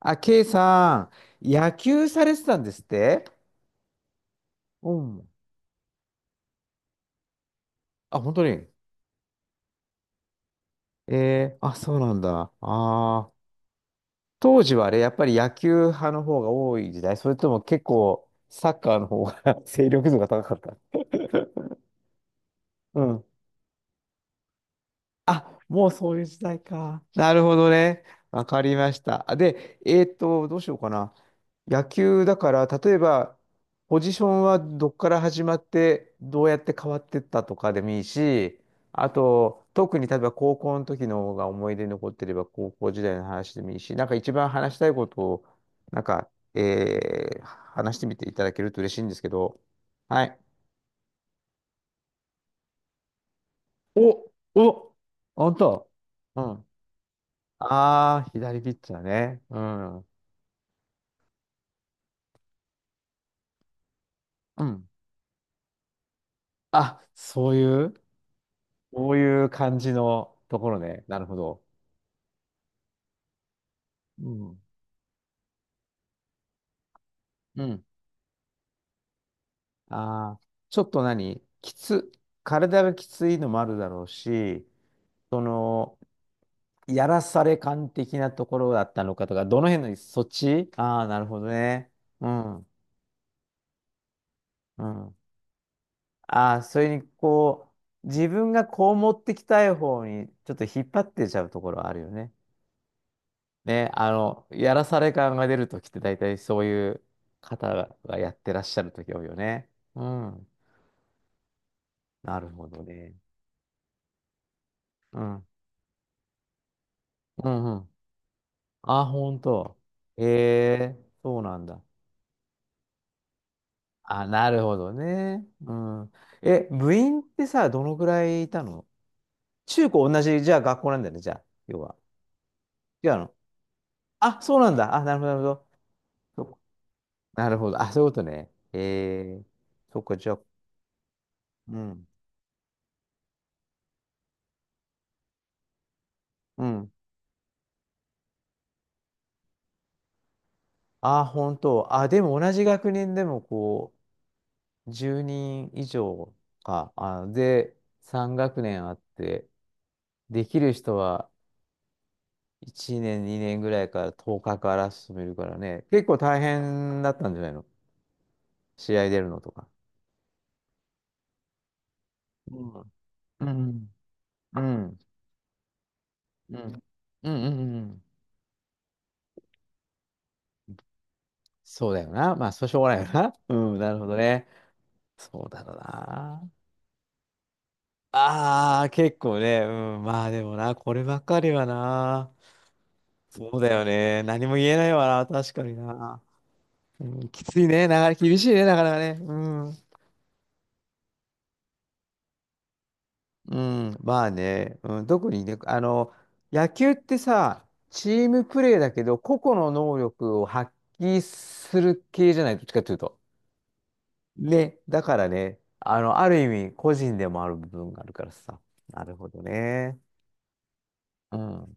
あ、ケイさん、野球されてたんですって。うん。あ、本当に。あ、そうなんだ。ああ、当時はあれ、やっぱり野球派の方が多い時代、それとも結構サッカーの方が 勢力図が高かった。うん。あ、もうそういう時代か。なるほどね。わかりました。あで、どうしようかな。野球だから、例えば、ポジションはどっから始まって、どうやって変わってったとかでもいいし、あと、特に例えば高校の時の方が思い出に残ってれば、高校時代の話でもいいし、なんか一番話したいことを、なんか、話してみていただけると嬉しいんですけど、はい。お、お、あんた。うん。ああ、左ピッチャーね。うん。うん。あ、そういう。こういう感じのところね。なるほど。うん。うん。ああ、ちょっと何きつ、体がきついのもあるだろうし、その、やらされ感的なところだったのかとか、どの辺の、そっち。ああー、なるほどね。うん、うん。ああ、それに、こう、自分がこう持ってきたい方に、ちょっと引っ張ってちゃうところはあるよね。ね、あの、やらされ感が出るときって、大体そういう方がやってらっしゃるとき多いよね。うん。なるほどね。うん。うん、うん。あ、本当。へえ、そうなんだ。あ、なるほどね。うん。え、部員ってさ、どのくらいいたの？中高同じ、じゃあ学校なんだよね、じゃあ、要は。違うの？あ、そうなんだ。あ、なるほど、なるほど。そっか。なるほど。あ、そういうことね。えー、そっか、じゃあ、うん。うん。あ、本当。あ、でも同じ学年でもこう、10人以上か。あ、で、3学年あって、できる人は、1年、2年ぐらいから10日かから始めるからね、結構大変だったんじゃないの？試合出るのとか。うん。うん。うん。うん。うん。うん。そうだよな。まあ、そうしょうがないよな。うん、なるほどね。そうだろうな。ああ、結構ね。うん。まあでもな、こればっかりはな。そうだよね。何も言えないわな。確かにな。うん、きついね。なかなか厳しいね。なかなかね。うん。うん、まあね、うん、特にね、あの、野球ってさ、チームプレーだけど、個々の能力を発揮する系じゃない、どっちかというと。ね、だからね、あの、ある意味、個人でもある部分があるからさ。なるほどね。うん。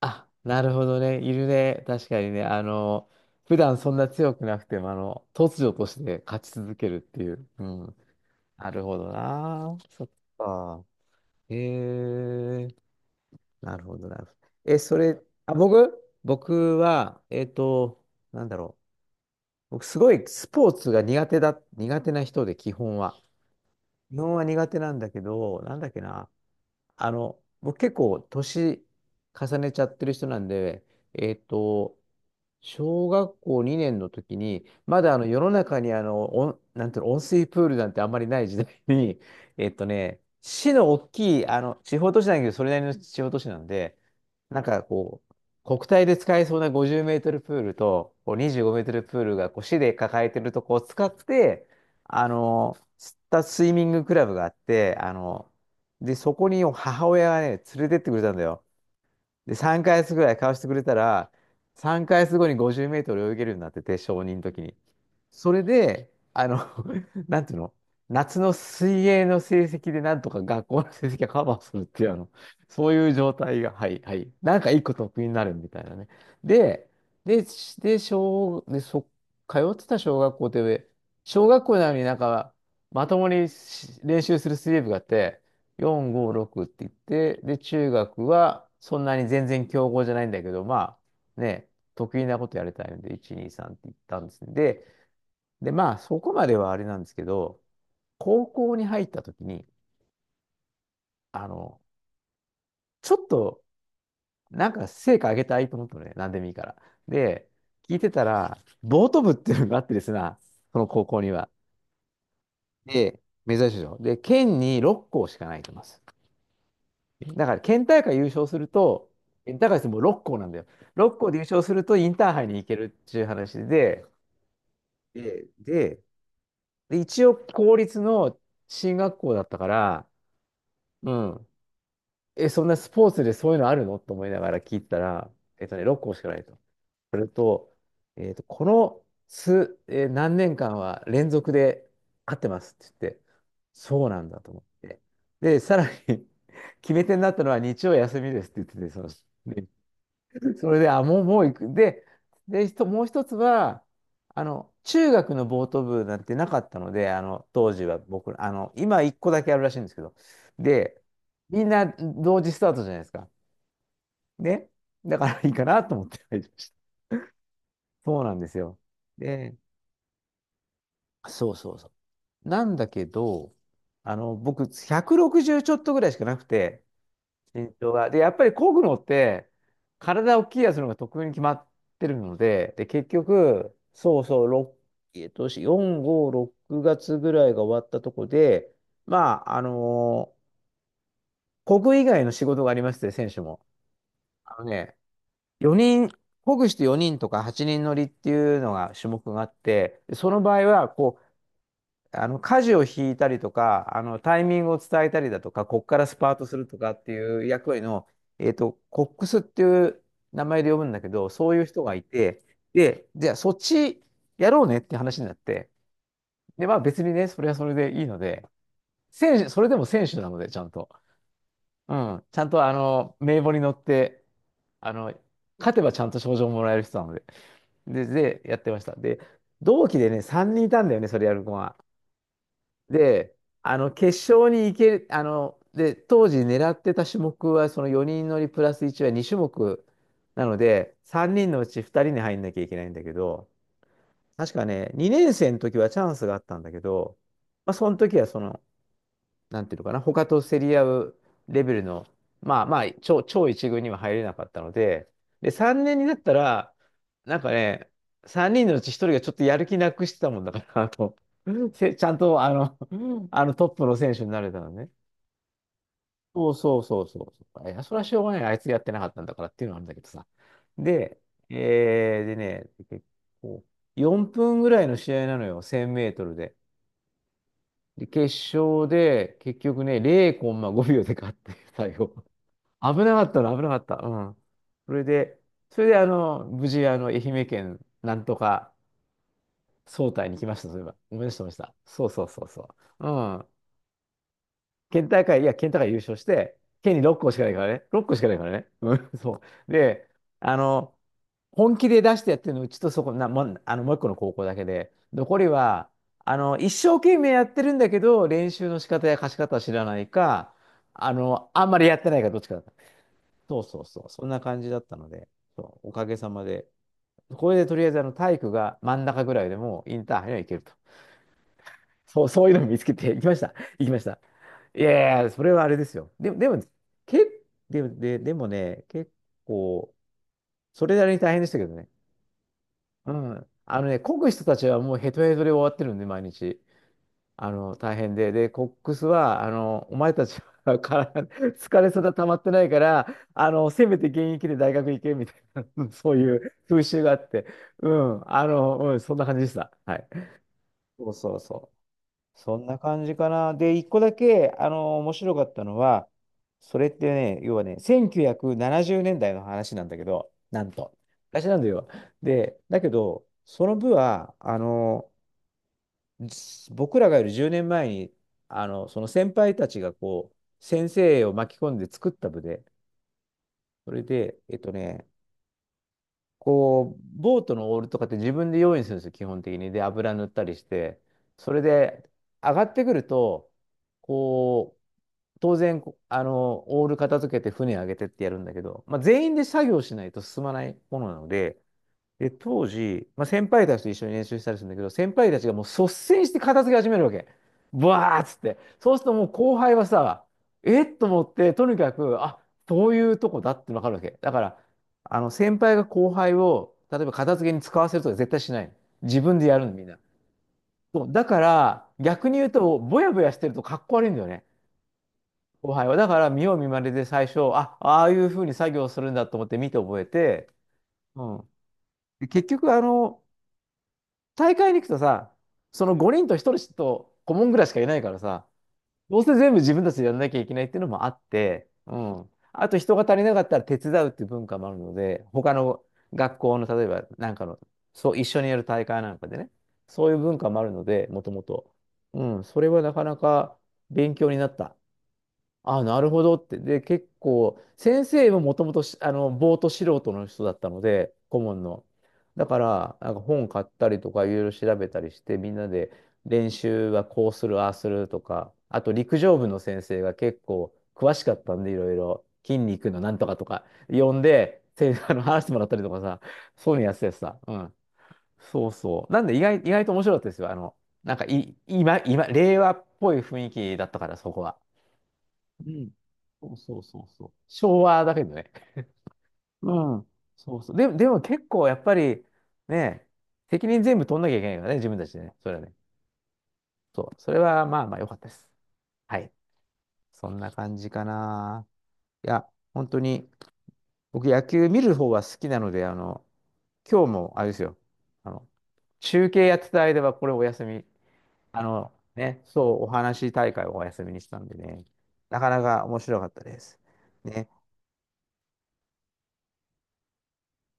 あ、なるほどね。いるね。確かにね。あの、普段そんな強くなくても、あの、突如として勝ち続けるっていう。うん。なるほどな。そっか。へえ。なるほど、なるほど。え、それ、あ、僕は、なんだろう。僕、すごいスポーツが苦手な人で、基本は。基本は苦手なんだけど、なんだっけな。あの、僕結構、年重ねちゃってる人なんで、えっと、小学校2年の時に、まだあの世の中にあの、温なんていうの、温水プールなんてあんまりない時代に、市の大きい、あの、地方都市なんだけど、それなりの地方都市なんで、なんかこう、国体で使えそうな50メートルプールと、こう25メートルプールがこう市で抱えてるとこを使って、あの、釣ったスイミングクラブがあって、あの、で、そこに母親がね、連れてってくれたんだよ。で、3ヶ月ぐらい買わしてくれたら、3ヶ月後に50メートル泳げるようになってて、小認の時に。それで、あの、なんていうの、夏の水泳の成績でなんとか学校の成績がカバーするっていう、あの、そういう状態が、はい、はい。なんか一個得意になるみたいなね。で、で、通ってた小学校って、小学校なのになんか、まともにし練習する水泳部があって、4、5、6って言って、で、中学はそんなに全然強豪じゃないんだけど、まあ、ね、得意なことやりたいので、1、2、3って言ったんですね。で、まあ、そこまではあれなんですけど、高校に入った時に、あの、ちょっと、なんか成果上げたいと思ったのね、何でもいいから。で、聞いてたら、ボート部っていうのがあってですな、その高校には。で、珍しいでしょ。で、県に6校しかないと思います。だから、県大会優勝すると、県大会ってもう6校なんだよ。6校で優勝するとインターハイに行けるっていう話で、で、で、で一応公立の進学校だったから、うん。え、そんなスポーツでそういうのあるのと思いながら聞いたら、6校しかないと。それと、この数、何年間は連続で勝ってますって言って、そうなんだと思って。で、さらに 決め手になったのは日曜休みですって言ってて、その、ね それで、あ、もう行く。で、もう一つは、あの、中学のボート部なんてなかったので、あの、当時は僕ら、あの、今一個だけあるらしいんですけど、で、みんな同時スタートじゃないですか。ね。だからいいかなと思って入りました。そうなんですよ。で、そうそうそう。なんだけど、あの、僕、160ちょっとぐらいしかなくて、身長が。で、やっぱり漕ぐのって、体を大きいやつの方が得意に決まってるので、で、結局、そうそう、6、4、5、6月ぐらいが終わったとこで、まあ、あのー漕ぐ以外の仕事がありまして、選手も。あのね、4人、漕ぐして4人よにんとか8人乗りっていうのが種目があって、その場合は、あの、舵を引いたりとか、あの、タイミングを伝えたりだとか、こっからスパートするとかっていう役割の、コックスっていう名前で呼ぶんだけど、そういう人がいて、で、じゃあそっちやろうねって話になって、で、まあ別にね、それはそれでいいので、選手、それでも選手なので、ちゃんと。うん、ちゃんとあの、名簿に乗って、あの、勝てばちゃんと賞状もらえる人なので、で、やってました。で、同期でね、3人いたんだよね、それやる子が。で、決勝に行ける、で、当時狙ってた種目は、その4人乗りプラス1は2種目なので、3人のうち2人に入んなきゃいけないんだけど、確かね、2年生の時はチャンスがあったんだけど、まあ、その時はその、なんていうのかな、他と競り合うレベルの、まあまあ、超一軍には入れなかったので、で、3年になったら、なんかね、3人のうち1人がちょっとやる気なくしてたもんだから、あと、ちゃんとあのトップの選手になれたのね。そうそうそうそう。いや、それはしょうがない。あいつやってなかったんだからっていうのはあるんだけどさ。で、えー、でね、結構、4分ぐらいの試合なのよ、1000メートルで。で、決勝で、結局ね、0コンマ5秒で勝って、最後。危なかったの、危なかった。うん。それで、それで、無事、愛媛県、なんとか、総体に来ました、そういえば。思い出してました。そうそうそうそう。うん。県大会、いや、県大会優勝して、県に6校しかないからね。6校しかないからね。うん、そう。で、あの、本気で出してやってるの、うちとそこ、もう、もう一個の高校だけで、残りは、一生懸命やってるんだけど、練習の仕方や貸し方は知らないか、あんまりやってないか、どっちかだった。そうそうそう。そんな感じだったので、そう、おかげさまで。これでとりあえず、体育が真ん中ぐらいでもうインターハイには行けると。そう、そういうのを見つけて、行きました。行きました。いやいや、それはあれですよ。でも、でも、け、でも、で、でもね、結構、それなりに大変でしたけどね。うん。あのね、こぐ人たちはもうヘトヘトで終わってるんで、毎日。大変で。で、コックスは、お前たちはから 疲れそんた溜まってないから、せめて現役で大学行け、みたいな、そういう風習があって。うん。うん、そんな感じでした。はい。そうそうそう。そんな感じかな。で、一個だけ、面白かったのは、それってね、要はね、1970年代の話なんだけど、なんと。昔なんだよ。で、だけど、その部は、僕らがいる10年前に、その先輩たちがこう、先生を巻き込んで作った部で、それで、こう、ボートのオールとかって自分で用意するんですよ、基本的に。で、油塗ったりして。それで、上がってくると、こう、当然、こあの、オール片付けて船上げてってやるんだけど、まあ、全員で作業しないと進まないものなので、で、当時、まあ、先輩たちと一緒に練習したりするんだけど、先輩たちがもう率先して片付け始めるわけ。ブワーっつって。そうするともう後輩はさ、えっと思って、とにかく、あ、そういうとこだってわかるわけ。だから、先輩が後輩を、例えば片付けに使わせるとか絶対しない。自分でやるの、みんな。そう。だから、逆に言うと、ぼやぼやしてるとかっこ悪いんだよね。後輩は。だから、見よう見まねで最初、あ、ああいうふうに作業するんだと思って見て覚えて、うん。で結局、大会に行くとさ、その5人と1人と顧問ぐらいしかいないからさ、どうせ全部自分たちでやらなきゃいけないっていうのもあって、うん。あと人が足りなかったら手伝うっていう文化もあるので、他の学校の例えばなんかの、そう、一緒にやる大会なんかでね、そういう文化もあるので、もともと。うん、それはなかなか勉強になった。あ、なるほどって。で、結構、先生ももともとし、あの、ぼーっと素人の人だったので、顧問の。だから、なんか本買ったりとか、いろいろ調べたりして、みんなで練習はこうする、ああするとか、あと陸上部の先生が結構詳しかったんで、いろいろ筋肉のなんとかとか、呼んで、話してもらったりとかさ、そういうのやっててさ、うん。そうそう。なんで、意外と面白かったですよ。あの、なんかい、今、令和っぽい雰囲気だったから、そこは。うん。そうそうそうそう。昭和だけどね。うん。そうそう。で、でも結構やっぱり、ね、責任全部取んなきゃいけないからね、自分たちでね。それはね。そう。それはまあまあ良かったです。はい。そんな感じかな。いや、本当に、僕野球見る方は好きなので、今日もあれですよ。あの、中継やってた間はこれお休み。ね、そう、お話し大会をお休みにしたんでね。なかなか面白かったです。ね。